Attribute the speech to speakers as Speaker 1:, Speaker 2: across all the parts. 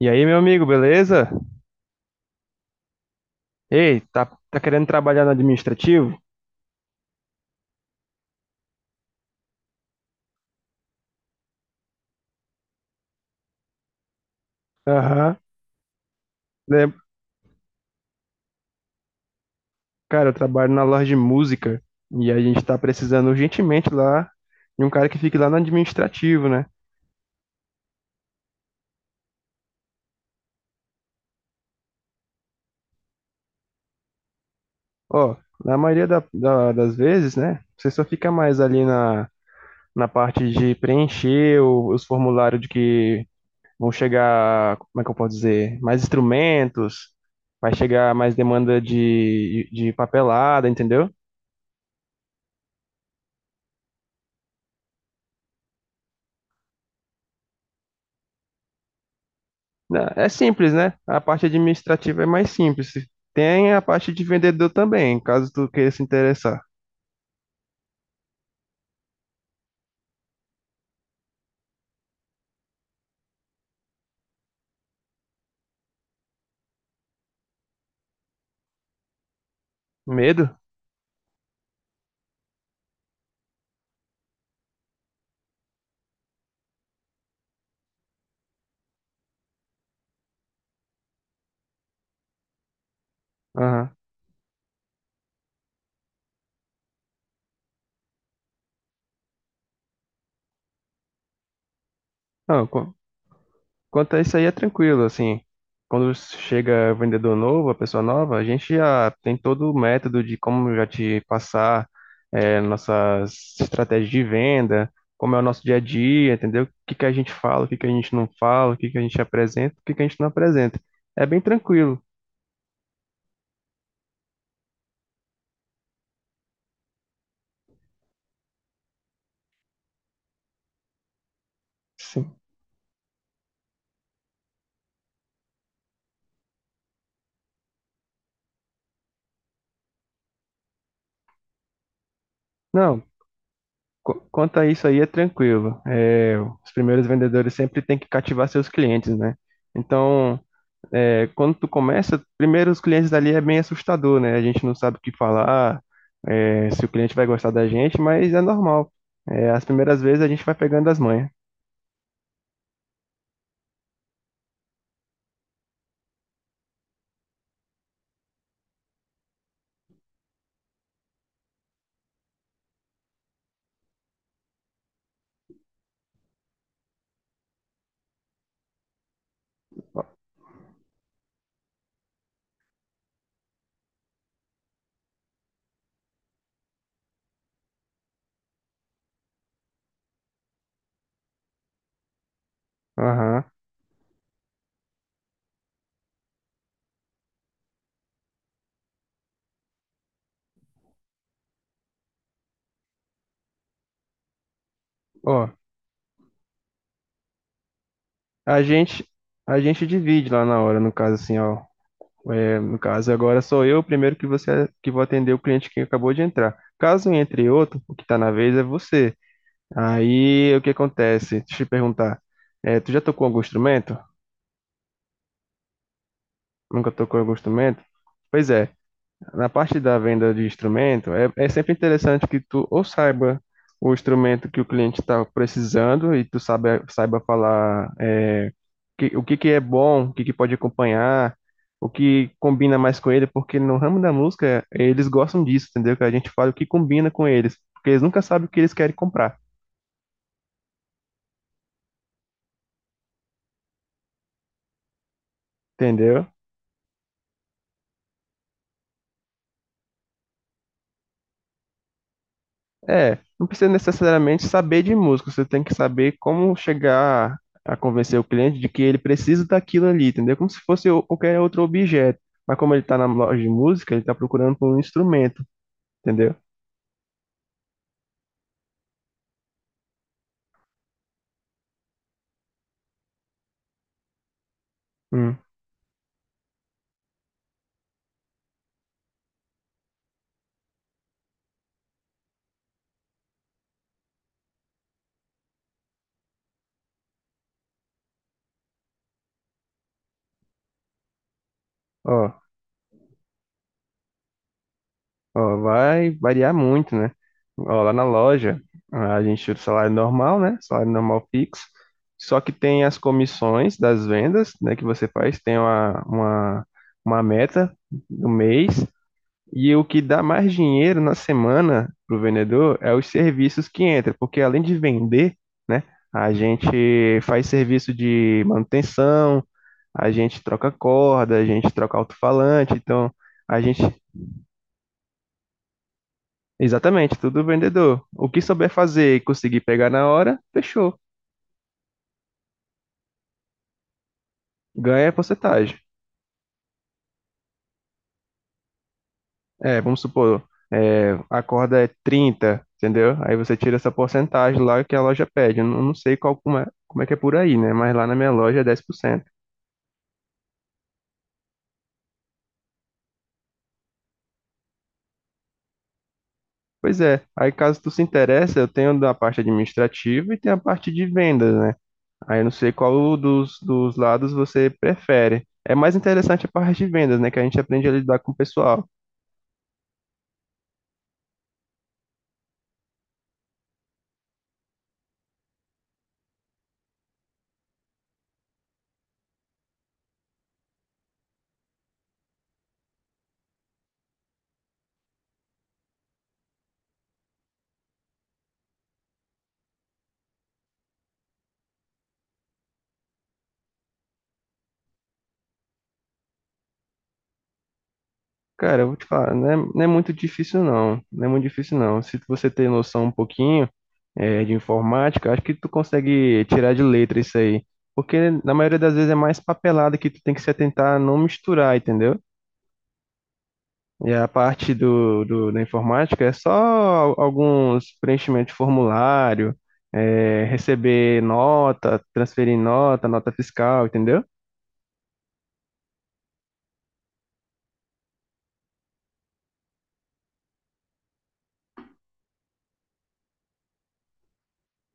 Speaker 1: E aí, meu amigo, beleza? Ei, tá querendo trabalhar no administrativo? Aham. Né? Cara, eu trabalho na loja de música e a gente tá precisando urgentemente lá de um cara que fique lá no administrativo, né? Ó, na maioria das vezes, né? Você só fica mais ali na parte de preencher os formulários de que vão chegar, como é que eu posso dizer? Mais instrumentos, vai chegar mais demanda de papelada, entendeu? Né, é simples, né? A parte administrativa é mais simples. Tem a parte de vendedor também, caso tu queira se interessar. Medo? Aham. Não, quanto a isso aí é tranquilo, assim. Quando chega vendedor novo, a pessoa nova, a gente já tem todo o método de como já te passar nossas estratégias de venda, como é o nosso dia a dia, entendeu? O que que a gente fala, o que que a gente não fala, o que que a gente apresenta, o que que a gente não apresenta. É bem tranquilo. Sim. Não, quanto a isso aí, é tranquilo. É, os primeiros vendedores sempre têm que cativar seus clientes, né? Então, é, quando tu começa, primeiro os clientes ali é bem assustador, né? A gente não sabe o que falar, é, se o cliente vai gostar da gente, mas é normal. É, as primeiras vezes a gente vai pegando as manhas. Aham. Ó, a gente, a gente divide lá na hora, no caso assim, ó. É, no caso, agora sou eu o primeiro que você que vou atender o cliente que acabou de entrar. Caso entre outro, o que está na vez é você. Aí, o que acontece? Deixa eu te perguntar. É, tu já tocou algum instrumento? Nunca tocou algum instrumento? Pois é, na parte da venda de instrumento, é sempre interessante que tu ou saiba o instrumento que o cliente está precisando e tu saiba falar o que que é bom, o que que pode acompanhar, o que combina mais com ele, porque no ramo da música eles gostam disso, entendeu? Que a gente fala o que combina com eles, porque eles nunca sabem o que eles querem comprar, entendeu? É, não precisa necessariamente saber de música, você tem que saber como chegar a convencer o cliente de que ele precisa daquilo ali, entendeu? Como se fosse qualquer outro objeto. Mas como ele está na loja de música, ele está procurando por um instrumento, entendeu? Hum. Ó, ó, vai variar muito, né? Ó, lá na loja, a gente tira o salário normal, né? Salário normal fixo. Só que tem as comissões das vendas, né, que você faz, tem uma meta do mês. E o que dá mais dinheiro na semana pro vendedor é os serviços que entram, porque além de vender, né, a gente faz serviço de manutenção, a gente troca corda, a gente troca alto-falante, então a gente, exatamente, tudo vendedor. O que souber fazer e conseguir pegar na hora, fechou, ganha porcentagem. É, vamos supor, a corda é 30, entendeu? Aí você tira essa porcentagem lá que a loja pede. Eu não sei qual, como é que é por aí, né? Mas lá na minha loja é 10%. Pois é, aí caso tu se interesse, eu tenho da parte administrativa e tem a parte de vendas, né? Aí eu não sei qual dos lados você prefere. É mais interessante a parte de vendas, né? Que a gente aprende a lidar com o pessoal. Cara, eu vou te falar, não é muito difícil não, não é muito difícil não. Se você ter noção um pouquinho de informática, acho que tu consegue tirar de letra isso aí. Porque na maioria das vezes é mais papelada que tu tem que se atentar a não misturar, entendeu? E a parte da informática é só alguns preenchimentos de formulário, receber nota, transferir nota, nota fiscal, entendeu?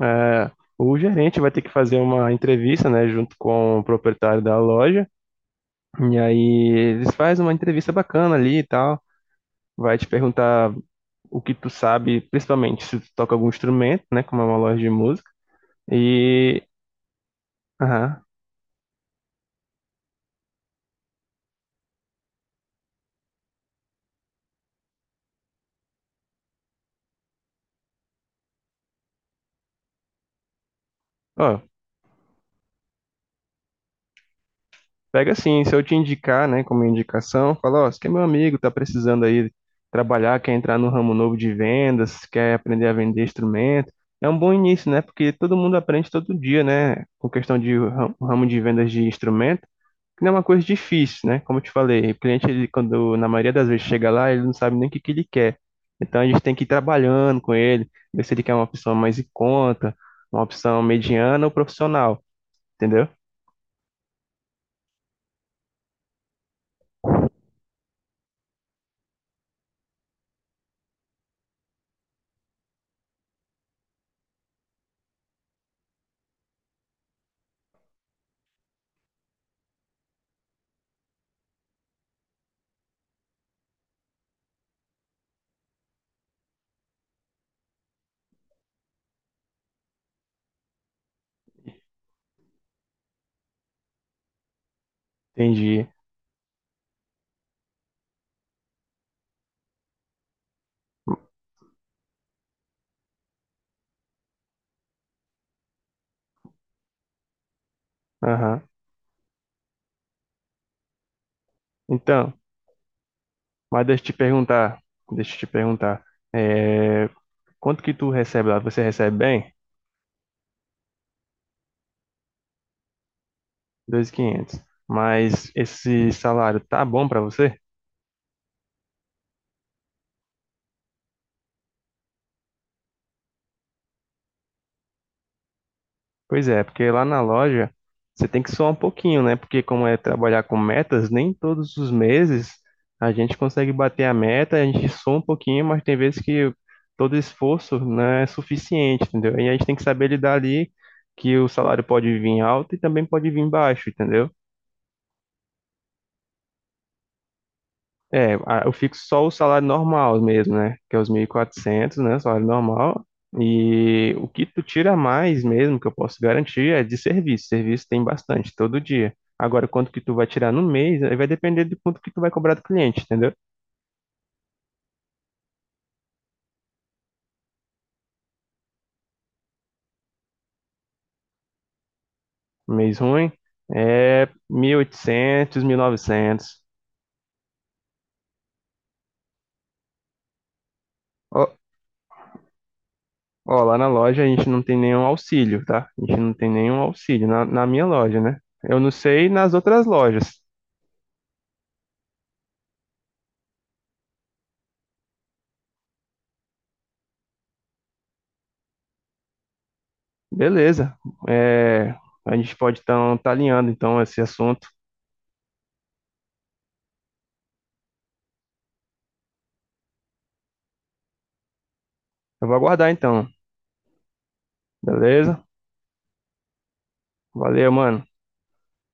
Speaker 1: Eh, o gerente vai ter que fazer uma entrevista, né, junto com o proprietário da loja. E aí eles fazem uma entrevista bacana ali e tal, vai te perguntar o que tu sabe, principalmente se tu toca algum instrumento, né, como é uma loja de música. E, aham. Ó, pega assim, se eu te indicar, né, como indicação, fala, ó, você que é meu amigo, tá precisando aí trabalhar, quer entrar no ramo novo de vendas, quer aprender a vender instrumento. É um bom início, né? Porque todo mundo aprende todo dia, né? Com questão de ramo de vendas de instrumento. Não é uma coisa difícil, né? Como eu te falei, o cliente, ele, quando na maioria das vezes chega lá, ele não sabe nem o que ele quer. Então a gente tem que ir trabalhando com ele, ver se ele quer uma opção mais em conta, uma opção mediana ou profissional, entendeu? Entendi. Aham. Então, mas deixa eu te perguntar, é, quanto que tu recebe lá? Você recebe bem? 2.500. Mas esse salário tá bom pra você? Pois é, porque lá na loja você tem que suar um pouquinho, né? Porque como é trabalhar com metas, nem todos os meses a gente consegue bater a meta, a gente sua um pouquinho, mas tem vezes que todo esforço não é suficiente, entendeu? E a gente tem que saber lidar ali que o salário pode vir alto e também pode vir baixo, entendeu? É, eu fixo só o salário normal mesmo, né? Que é os 1.400, né? Salário normal. E o que tu tira mais mesmo, que eu posso garantir, é de serviço. Serviço tem bastante, todo dia. Agora, quanto que tu vai tirar no mês, aí vai depender do quanto que tu vai cobrar do cliente, entendeu? Mês ruim é mil e 1.900. Ó, ó, lá na loja a gente não tem nenhum auxílio, tá? A gente não tem nenhum auxílio na minha loja, né? Eu não sei nas outras lojas. Beleza. É, a gente pode estar tá alinhando então esse assunto. Eu vou aguardar então. Beleza? Valeu, mano.